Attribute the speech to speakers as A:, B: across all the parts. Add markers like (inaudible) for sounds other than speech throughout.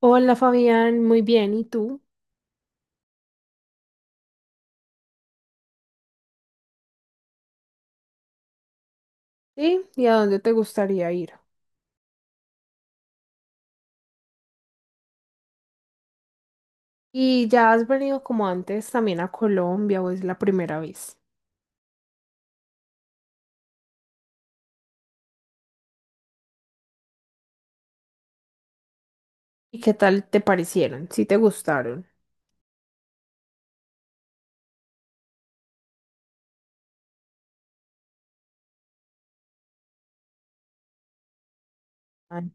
A: Hola Fabián, muy bien, ¿y tú? ¿Sí? ¿Y a dónde te gustaría ir? ¿Y ya has venido como antes también a Colombia o es la primera vez? ¿Y qué tal te parecieron? ¿Sí te gustaron? Ay,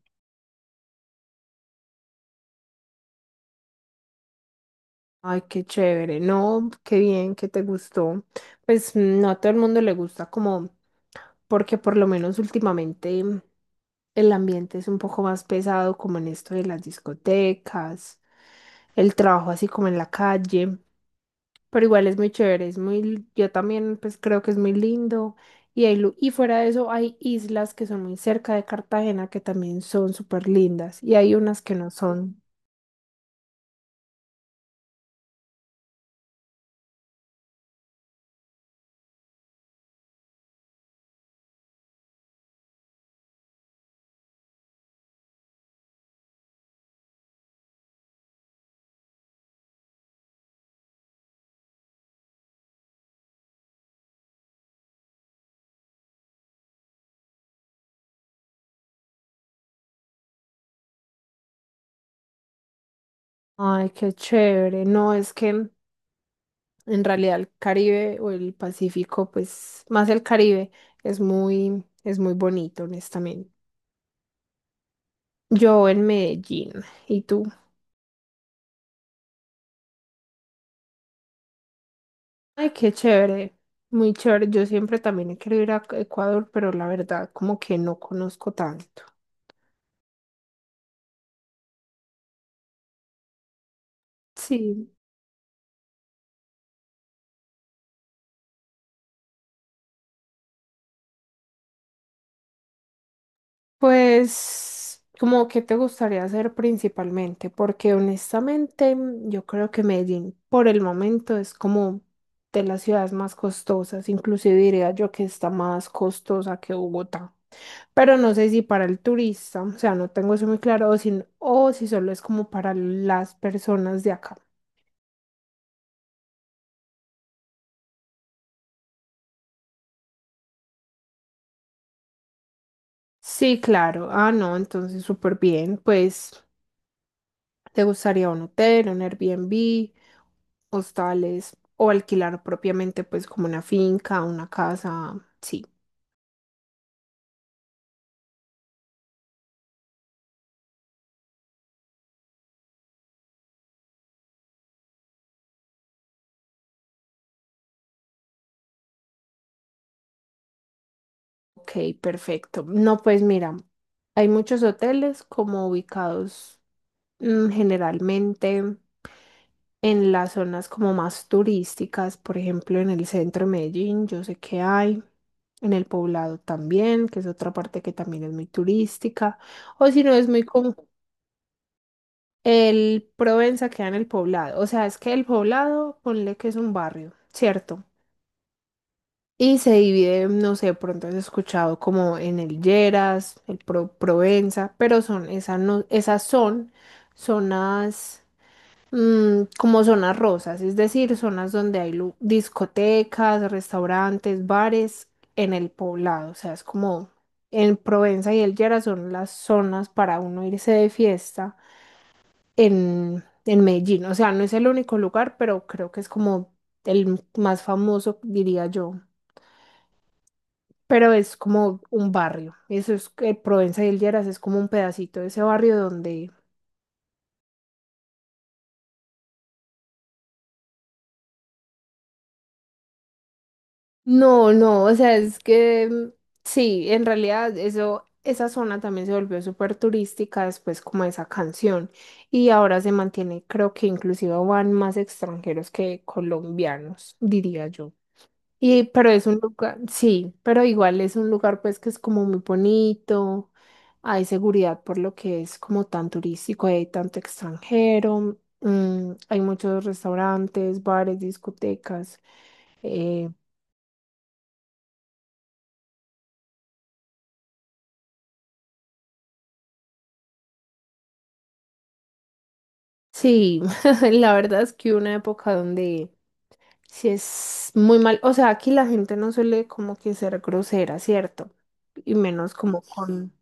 A: ay, qué chévere, no, qué bien, que te gustó. Pues no a todo el mundo le gusta como, porque por lo menos últimamente el ambiente es un poco más pesado como en esto de las discotecas, el trabajo así como en la calle. Pero igual es muy chévere, yo también pues creo que es muy lindo. Y fuera de eso hay islas que son muy cerca de Cartagena que también son súper lindas y hay unas que no son. Ay, qué chévere. No, es que en realidad el Caribe o el Pacífico, pues más el Caribe, es muy bonito, honestamente. Yo en Medellín, ¿y tú? Ay, qué chévere. Muy chévere. Yo siempre también he querido ir a Ecuador, pero la verdad como que no conozco tanto. Sí. Pues, como que te gustaría hacer principalmente, porque honestamente yo creo que Medellín por el momento es como de las ciudades más costosas, inclusive diría yo que está más costosa que Bogotá, pero no sé si para el turista, o sea, no tengo eso muy claro, o si solo es como para las personas de acá. Sí, claro, ah, no, entonces súper bien, pues. ¿Te gustaría un hotel, un Airbnb, hostales o alquilar propiamente pues como una finca, una casa? Sí, ok, perfecto. No, pues mira, hay muchos hoteles como ubicados generalmente en las zonas como más turísticas, por ejemplo en el centro de Medellín, yo sé que hay. En el Poblado también, que es otra parte que también es muy turística, o si no es muy común. El Provenza queda en el Poblado. O sea, es que el Poblado, ponle que es un barrio, ¿cierto? Y se divide, no sé, pronto has escuchado como en el Lleras, el Provenza, pero son, esas no, esas son zonas como zonas rosas, es decir, zonas donde hay discotecas, restaurantes, bares en el Poblado. O sea, es como en Provenza y el Lleras son las zonas para uno irse de fiesta en Medellín. O sea, no es el único lugar, pero creo que es como el más famoso, diría yo. Pero es como un barrio. Eso es que Provenza y El Lleras es como un pedacito de ese barrio donde... No, no, o sea, es que sí, en realidad eso, esa zona también se volvió súper turística después como esa canción. Y ahora se mantiene, creo que inclusive van más extranjeros que colombianos, diría yo. Y, pero es un lugar, sí, pero igual es un lugar pues que es como muy bonito, hay seguridad por lo que es como tan turístico, hay tanto extranjero, hay muchos restaurantes, bares, discotecas. eh, sí, (laughs) la verdad es que hubo una época donde sí es muy mal, o sea, aquí la gente no suele como que ser grosera, ¿cierto? Y menos como con...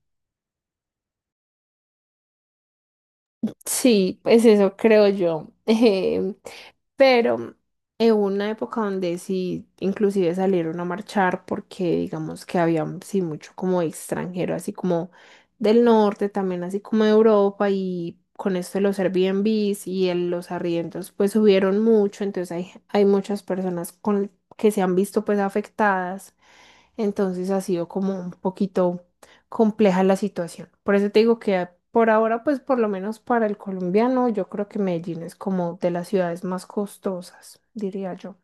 A: Sí, pues eso creo yo. (laughs) Pero en una época donde sí, inclusive salieron a marchar porque digamos que había sí mucho como extranjero, así como del norte, también así como de Europa y con esto de los Airbnbs y los arriendos pues subieron mucho, entonces hay muchas personas con, que se han visto pues afectadas, entonces ha sido como un poquito compleja la situación. Por eso te digo que por ahora, pues por lo menos para el colombiano, yo creo que Medellín es como de las ciudades más costosas, diría yo.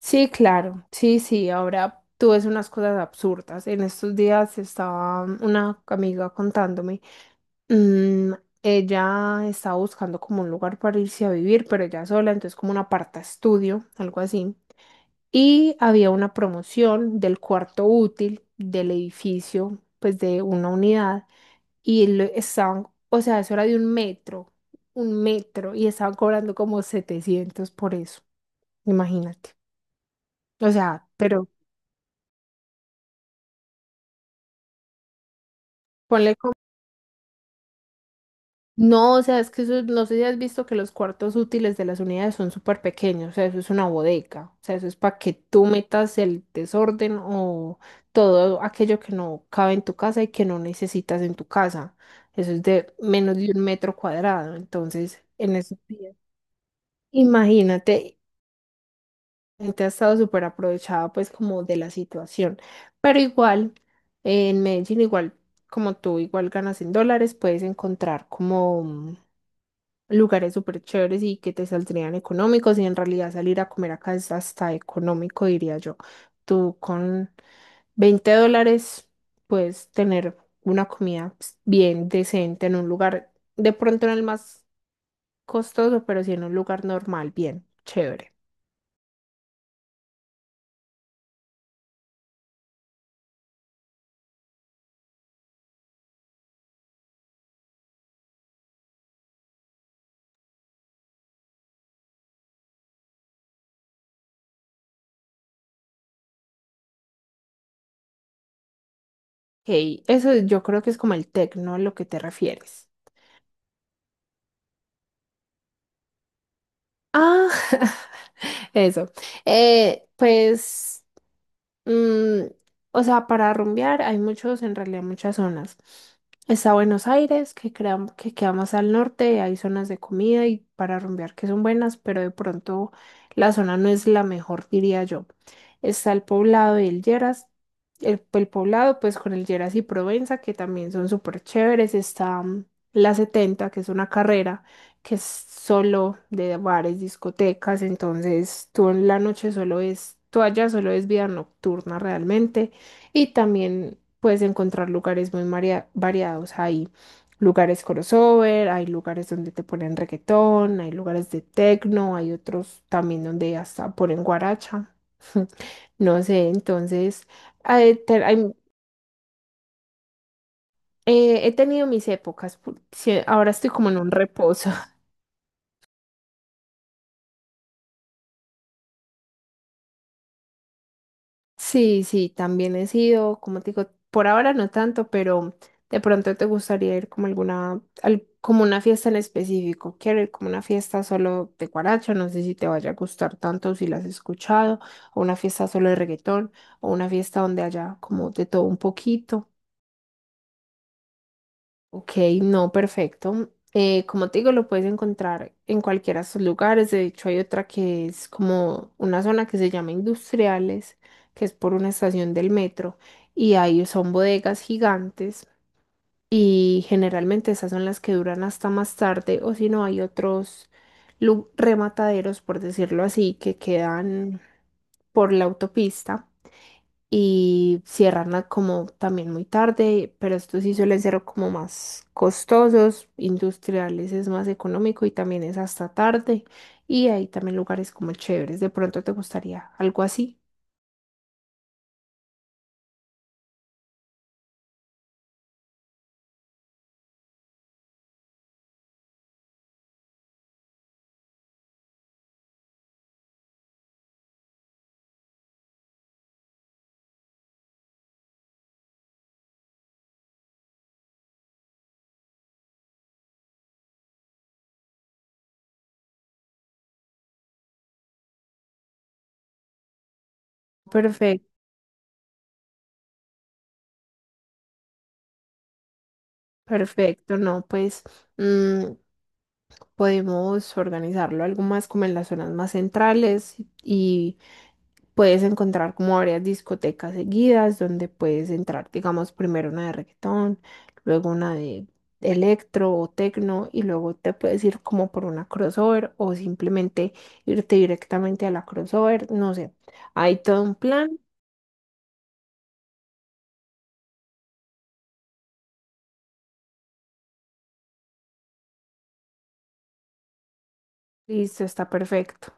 A: Sí, claro, sí, sí, ahora tú ves unas cosas absurdas. En estos días estaba una amiga contándome, mm, ella estaba buscando como un lugar para irse a vivir, pero ella sola, entonces como un aparta estudio, algo así. Y había una promoción del cuarto útil del edificio, pues de una unidad. Estaban, o sea, eso era de un metro, y estaban cobrando como 700 por eso, imagínate. O sea, pero ponle como... No, o sea, es que eso, no sé si has visto que los cuartos útiles de las unidades son súper pequeños, o sea, eso es una bodega, o sea, eso es para que tú metas el desorden o todo aquello que no cabe en tu casa y que no necesitas en tu casa. Eso es de menos de un metro cuadrado, entonces, en esos días. Imagínate, gente ha estado súper aprovechada pues como de la situación. Pero igual, en Medellín, igual como tú, igual ganas en dólares, puedes encontrar como lugares súper chéveres y que te saldrían económicos y en realidad salir a comer acá es hasta económico, diría yo. Tú con $20 puedes tener una comida pues, bien decente en un lugar, de pronto no el más costoso, pero sí en un lugar normal, bien, chévere. Hey, eso yo creo que es como el tecno a lo que te refieres. Ah, (laughs) eso. Pues. Mm, o sea, para rumbear hay muchos, en realidad muchas zonas. Está Buenos Aires, que queda más al norte, hay zonas de comida y para rumbear que son buenas, pero de pronto la zona no es la mejor, diría yo. Está el Poblado y el Lleras. El Poblado, pues con el Lleras y Provenza, que también son súper chéveres. Está la 70 que es una carrera que es solo de bares, discotecas, entonces tú en la noche solo es, tú allá solo es vida nocturna realmente y también puedes encontrar lugares muy variados, hay lugares crossover, hay lugares donde te ponen reggaetón, hay lugares de techno, hay otros también donde hasta ponen guaracha, (laughs) no sé, entonces eh, te- hay- he tenido mis épocas, sí, ahora estoy como en un reposo. Sí, sí, también he sido, como te digo, por ahora no tanto, pero de pronto te gustaría ir como alguna, como una fiesta en específico. Quiero ir como una fiesta solo de guaracha, no sé si te vaya a gustar tanto si la has escuchado, o una fiesta solo de reggaetón, o una fiesta donde haya como de todo un poquito. Ok, no, perfecto. Como te digo, lo puedes encontrar en cualquiera de sus lugares. De hecho, hay otra que es como una zona que se llama Industriales, que es por una estación del metro. Y ahí son bodegas gigantes. Y generalmente esas son las que duran hasta más tarde. O si no, hay otros remataderos, por decirlo así, que quedan por la autopista y cierran como también muy tarde, pero estos sí suelen ser como más costosos, industriales es más económico y también es hasta tarde y hay también lugares como chéveres, de pronto te gustaría algo así. Perfecto, perfecto, no, pues mm, podemos organizarlo algo más como en las zonas más centrales y puedes encontrar como varias discotecas seguidas donde puedes entrar, digamos, primero una de reggaetón, luego una de electro o tecno y luego te puedes ir como por una crossover o simplemente irte directamente a la crossover, no sé. Hay todo un plan, listo, está perfecto.